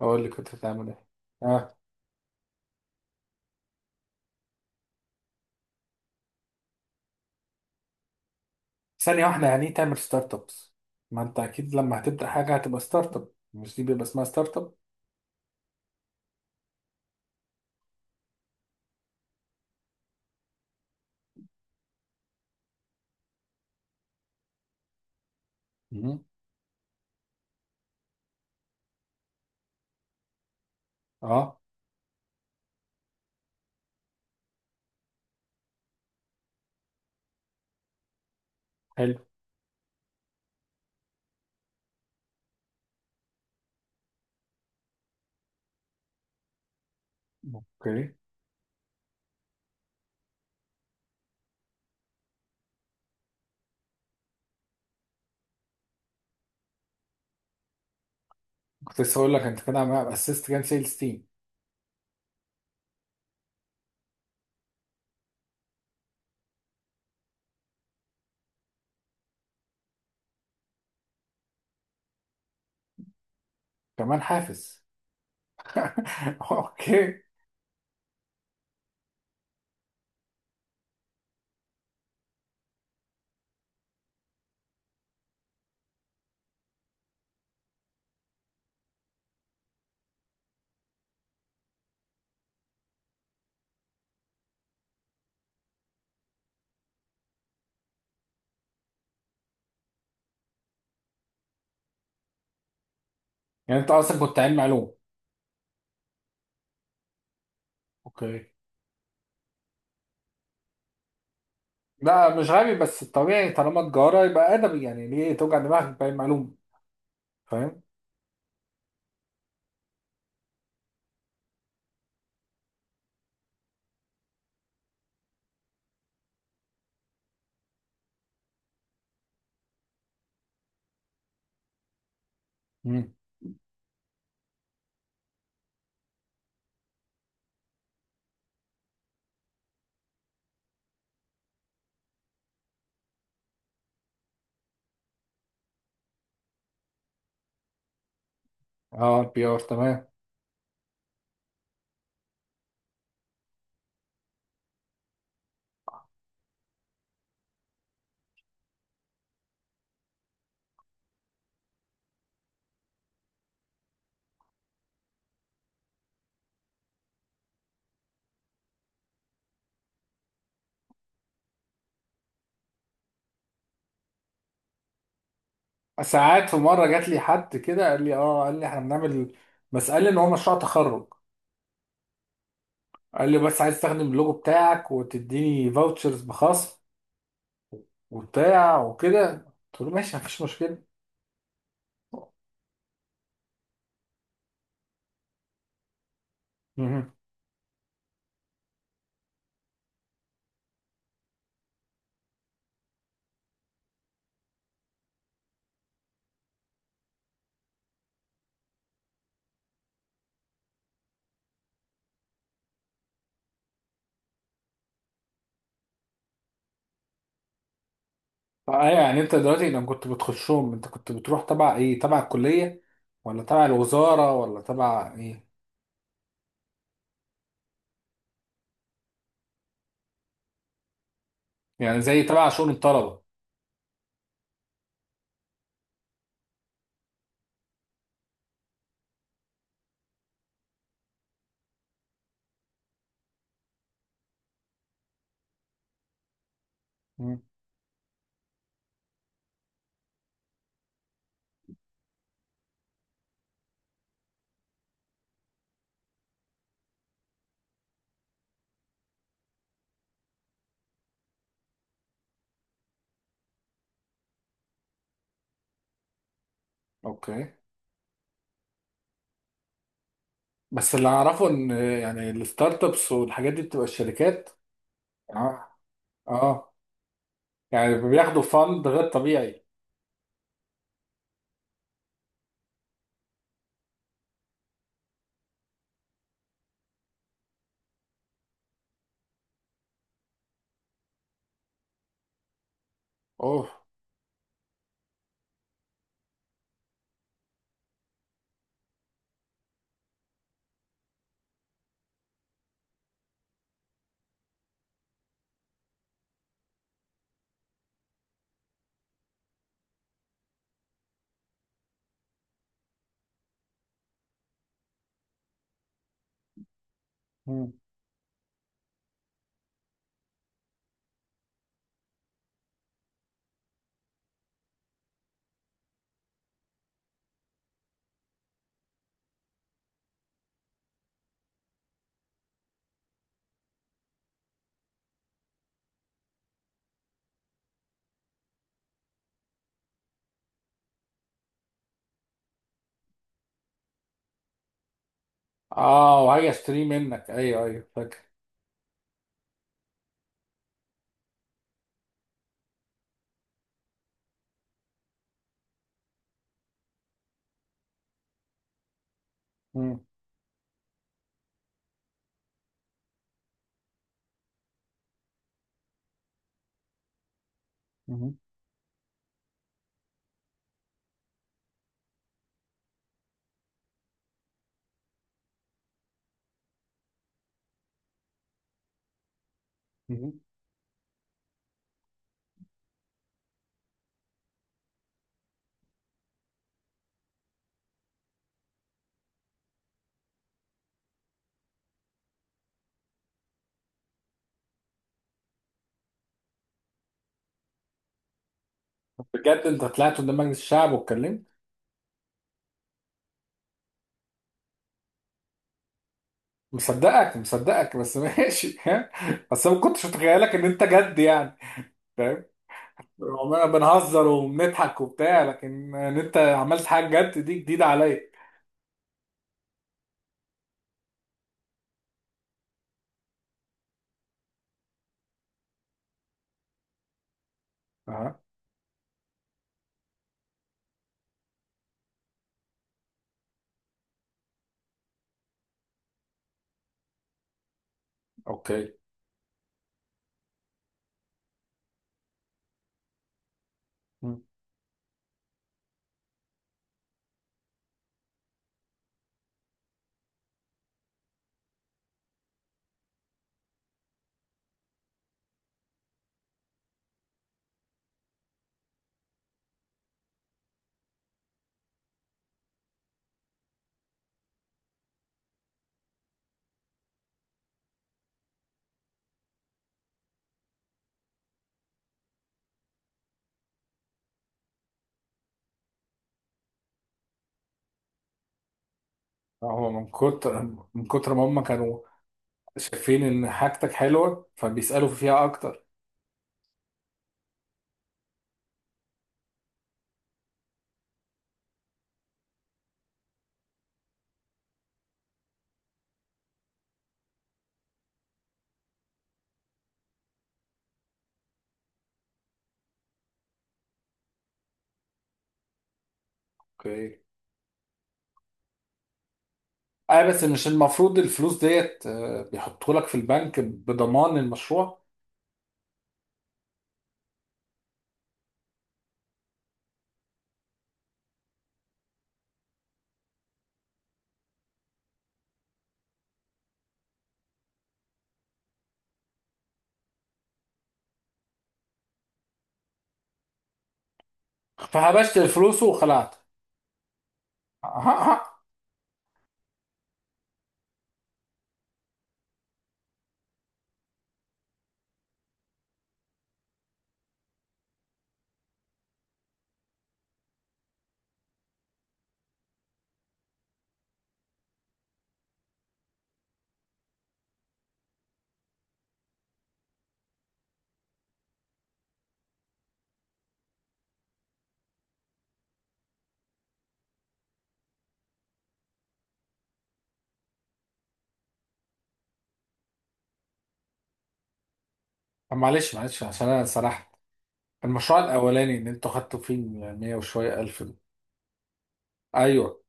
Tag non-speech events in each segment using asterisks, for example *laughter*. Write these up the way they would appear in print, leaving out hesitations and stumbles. اقول لك كنت هتعمل ايه. اه. ثانيه واحده، يعني ايه تعمل ستارت ابس؟ ما انت اكيد لما هتبدا حاجه هتبقى ستارت اب، مش دي بيبقى اسمها ستارت اب؟ مهم. اه. حلو. اوكي. كنت لسه اقول لك انت كده عم اسست كام سيلز تيم. كمان حافز. *laughs* اوكي. يعني انت اصلا كنت علم علوم؟ اوكي. لا مش غبي، بس الطبيعي طالما تجاره يبقى ادبي، يعني ليه توجع دماغك بعلم علوم؟ فاهم. مم. اه، البي ار تمام. ساعات في مره جات لي حد كده، قال لي احنا بنعمل، بس قال لي ان هو مشروع تخرج، قال لي بس عايز استخدم اللوجو بتاعك وتديني فاوتشرز بخصم، وبتاع وكده. قلت له ماشي، مفيش مشكله. مهم. فأي، يعني انت دلوقتي لما كنت بتخشهم، انت كنت بتروح تبع ايه، تبع الكليه ولا تبع الوزاره ولا تبع ايه؟ يعني زي تبع شؤون الطلبه. مم. اوكي. بس اللي اعرفه ان يعني الستارت ابس والحاجات دي بتبقى الشركات. اه، اه، يعني بياخدوا فند غير طبيعي. اوه. مم. اه وهاجي اشتريه منك، ايوه ايوه فاكر. مم. مهم. طب بجد انت طلعت قدام مجلس الشعب واتكلمت؟ مصدقك مصدقك، بس ماشي. *laughs* ها. بس أنا ما كنتش متخيلك ان انت جد يعني. فاهم. عمالنا بنهزر وبنضحك وبتاع، لكن ان انت عملت حاجه جد دي جديده عليا. اها. اوكي. مم. هو من كتر ما هم كانوا شايفين ان حاجتك حلوه فبيسالوا فيها اكتر. اوكي. اه بس مش المفروض الفلوس ديت بيحطوا لك في البنك بضمان المشروع؟ فهبشت الفلوس وخلعت. *laughs* طب معلش معلش، عشان انا سرحت. المشروع الاولاني ان انتوا خدتوا فيه ال 100 وشويه الف ده. ايوه.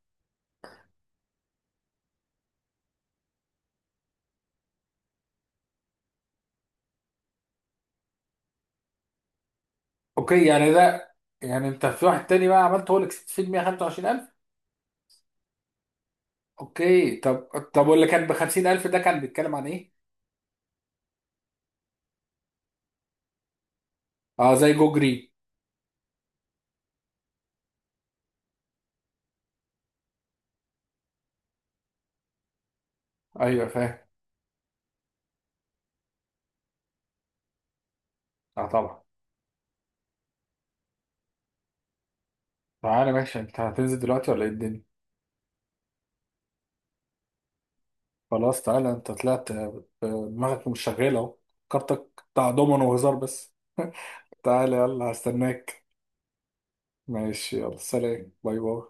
اوكي يعني ده. يعني انت في واحد تاني بقى عملت هو اللي كسبت فيه ال 125000. اوكي. طب واللي كان ب 50000 ده كان بيتكلم عن ايه؟ اه زي جو جرين. ايوه فاهم. اه طبعا. تعالى ماشي، انت هتنزل دلوقتي ولا ايه الدنيا؟ خلاص تعالى، انت طلعت دماغك مش شغاله اهو. كارتك بتاع دومن وهزار بس. *laughs* تعالى يلا هستناك. ماشي يلا، سلام باي باي.